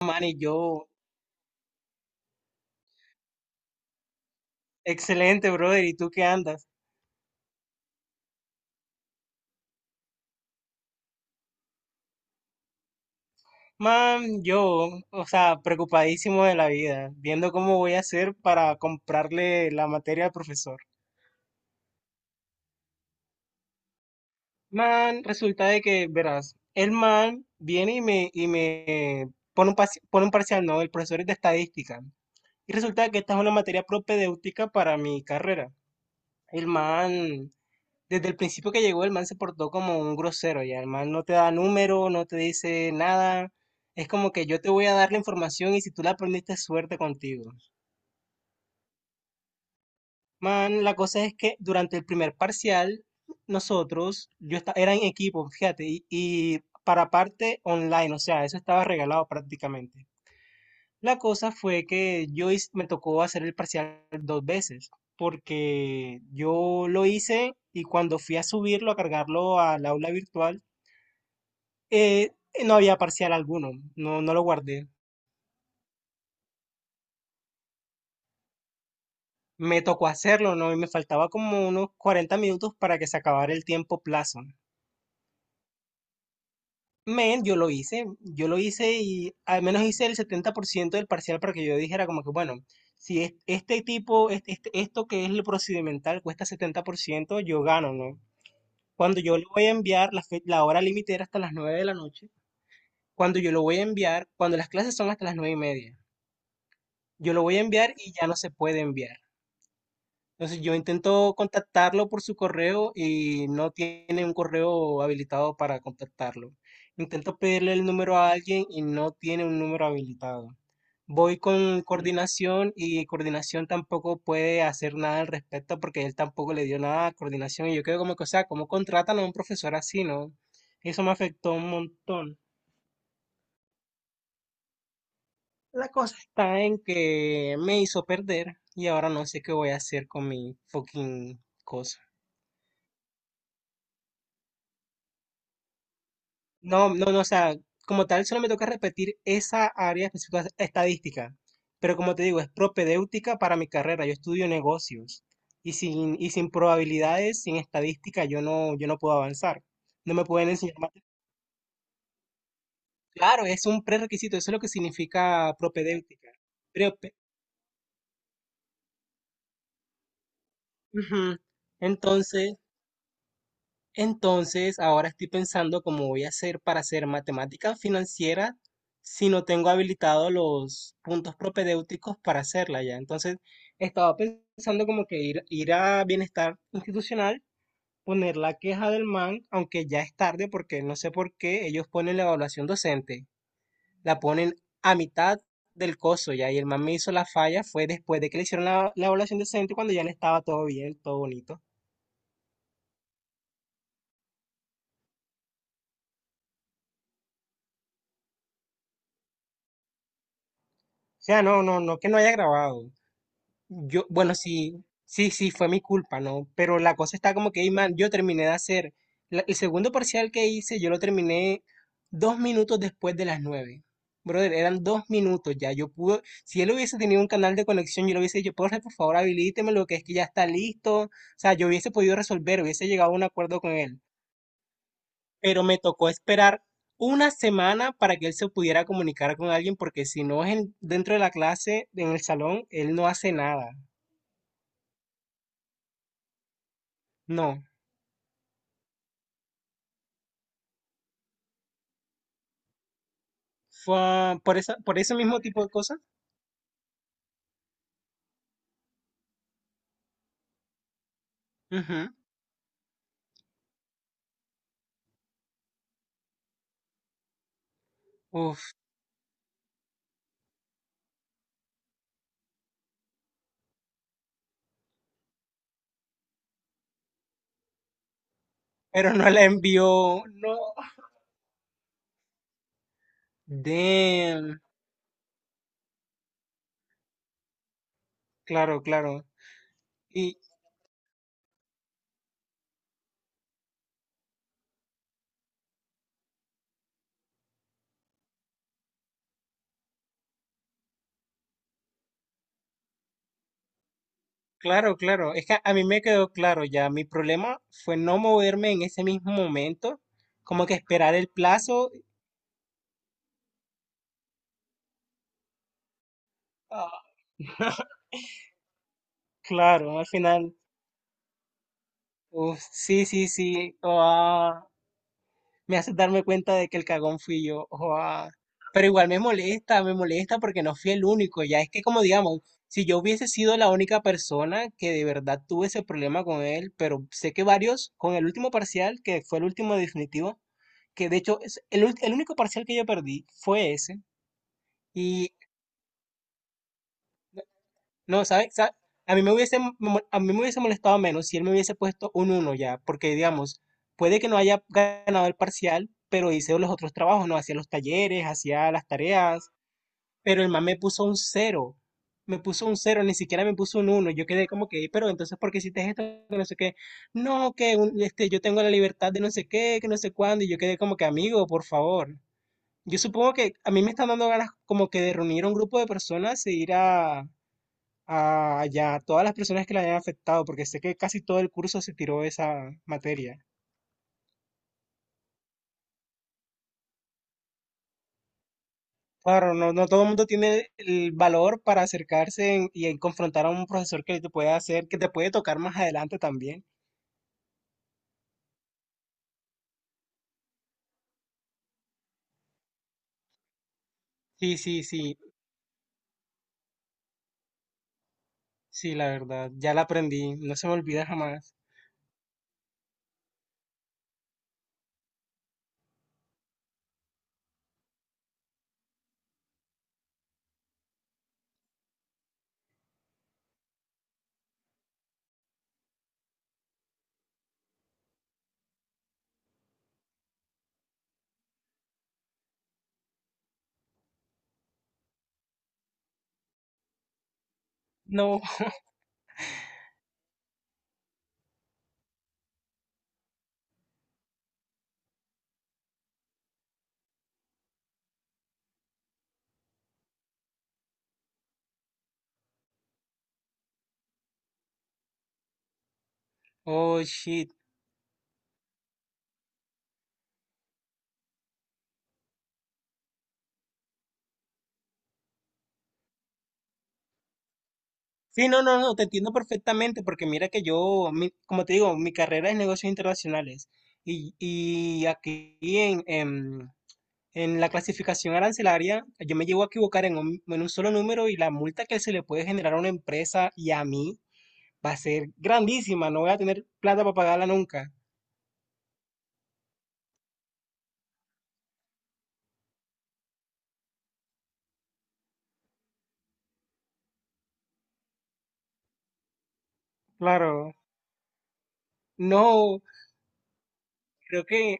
Man, y yo, excelente, brother. ¿Y tú qué andas? Man, yo, o sea, preocupadísimo de la vida, viendo cómo voy a hacer para comprarle la materia al profesor. Man, resulta de que, verás, el man viene y y me pone un, pone un parcial, no, el profesor es de estadística. Y resulta que esta es una materia propedéutica para mi carrera. El man desde el principio que llegó, el man se portó como un grosero, ya el man no te da número, no te dice nada. Es como que yo te voy a dar la información y si tú la aprendiste, suerte contigo. Man, la cosa es que durante el primer parcial, nosotros, era en equipo, fíjate, y para parte online, o sea, eso estaba regalado prácticamente. La cosa fue que me tocó hacer el parcial dos veces porque yo lo hice y cuando fui a subirlo, a cargarlo al aula virtual, Eh, no había parcial alguno, no, no lo guardé. Me tocó hacerlo, ¿no? Y me faltaba como unos 40 minutos para que se acabara el tiempo plazo. Men, yo lo hice y al menos hice el 70% del parcial para que yo dijera como que, bueno, si es- este tipo, esto que es lo procedimental cuesta 70%, yo gano, ¿no? Cuando yo le voy a enviar, la hora límite era hasta las 9 de la noche, cuando yo lo voy a enviar, cuando las clases son hasta las 9 y media, yo lo voy a enviar y ya no se puede enviar. Entonces yo intento contactarlo por su correo y no tiene un correo habilitado para contactarlo. Intento pedirle el número a alguien y no tiene un número habilitado. Voy con coordinación y coordinación tampoco puede hacer nada al respecto porque él tampoco le dio nada a coordinación y yo quedo como que, o sea, ¿cómo contratan a un profesor así, no? Eso me afectó un montón. La cosa está en que me hizo perder y ahora no sé qué voy a hacer con mi fucking cosa. No, no, no, o sea, como tal, solo me toca repetir esa área específica estadística. Pero como te digo, es propedéutica para mi carrera. Yo estudio negocios. Y sin probabilidades, sin estadística, yo no puedo avanzar. No me pueden enseñar más. Claro, es un prerequisito, eso es lo que significa propedéutica. Pero, pe- ujú. Entonces, entonces, ahora estoy pensando cómo voy a hacer para hacer matemática financiera si no tengo habilitado los puntos propedéuticos para hacerla ya. Entonces, estaba pensando como que ir a bienestar institucional, poner la queja del MAN, aunque ya es tarde porque no sé por qué ellos ponen la evaluación docente, la ponen a mitad del coso ya, y el MAN me hizo la falla fue después de que le hicieron la evaluación docente cuando ya le estaba todo bien, todo bonito. O sea, no, no, no que no haya grabado. Yo, bueno, sí, sí, sí, fue mi culpa, ¿no? Pero la cosa está como que, ey, man, yo terminé de hacer el segundo parcial que hice, yo lo terminé 2 minutos después de las 9. Brother, eran 2 minutos ya. Yo pude, si él hubiese tenido un canal de conexión, yo le hubiese dicho, profe, por favor, habilíteme lo que es que ya está listo. O sea, yo hubiese podido resolver, hubiese llegado a un acuerdo con él. Pero me tocó esperar una semana para que él se pudiera comunicar con alguien, porque si no es en- dentro de la clase, en el salón, él no hace nada. No, fue por esa, por ese mismo tipo de cosas. Ujú. Uf, pero no la envió. No. Damn. Claro, claro. Y claro, claro. Es que a mí me quedó claro ya. Mi problema fue no moverme en ese mismo momento. Como que esperar el plazo. Ah, claro, al final. Uf, sí, sí, sí. Ah, me haces darme cuenta de que el cagón fui yo. Joa. Pero igual me molesta porque no fui el único. Ya es que como digamos, si yo hubiese sido la única persona que de verdad tuve ese problema con él, pero sé que varios, con el último parcial, que fue el último definitivo, que de hecho es el único parcial que yo perdí fue ese. Y no, ¿sabes? A mí a mí me hubiese molestado menos si él me hubiese puesto un uno ya, porque digamos, puede que no haya ganado el parcial, pero hice los otros trabajos, no hacía los talleres, hacía las tareas, pero el man me puso un cero. Me puso un cero, ni siquiera me puso un uno. Yo quedé como que, pero entonces, ¿por qué hiciste esto? Que no sé qué. No, yo tengo la libertad de no sé qué, que no sé cuándo, y yo quedé como que, amigo, por favor. Yo supongo que a mí me están dando ganas como que de reunir a un grupo de personas e a ya todas las personas que la hayan afectado, porque sé que casi todo el curso se tiró esa materia. Claro, no, no todo el mundo tiene el valor para acercarse en- y en confrontar a un profesor que te puede hacer, que te puede tocar más adelante también. Sí, sí, sí, sí, la verdad, ya la aprendí, no se me olvida jamás. No, oh shit. Sí, no, no, no, te entiendo perfectamente, porque mira que como te digo, mi carrera es negocios internacionales. Y aquí en, En la clasificación arancelaria, yo me llego a equivocar en un solo número y la multa que se le puede generar a una empresa y a mí va a ser grandísima. No voy a tener plata para pagarla nunca. Claro. No, creo que,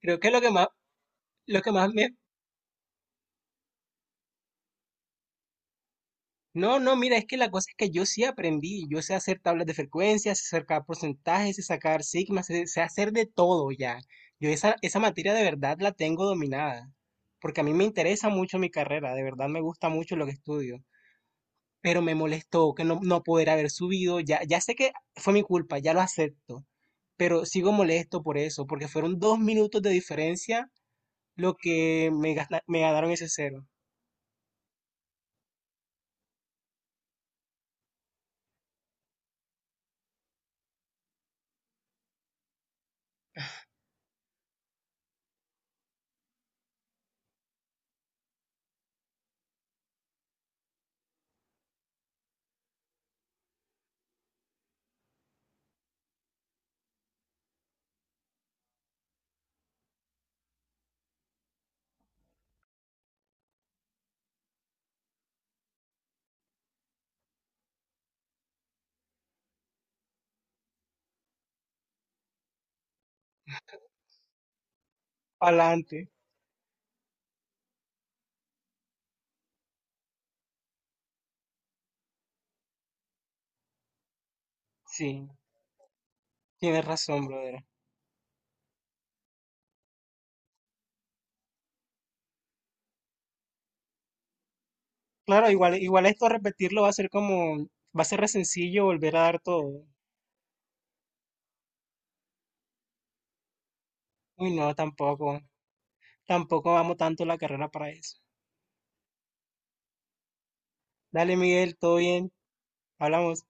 creo que lo que más me... No, no, mira, es que la cosa es que yo sí aprendí. Yo sé hacer tablas de frecuencias, sé sacar porcentajes, sé sacar sigmas, sé hacer de todo ya. Yo esa materia de verdad la tengo dominada. Porque a mí me interesa mucho mi carrera, de verdad me gusta mucho lo que estudio. Pero me molestó que no, no poder haber subido. Ya, ya sé que fue mi culpa, ya lo acepto, pero sigo molesto por eso, porque fueron 2 minutos de diferencia lo que me ganaron ese cero. Adelante, sí, tienes razón, brother. Claro, igual, igual esto repetirlo va a ser como, va a ser re sencillo volver a dar todo. Uy, no, tampoco, tampoco amo tanto la carrera para eso. Dale, Miguel, todo bien, hablamos.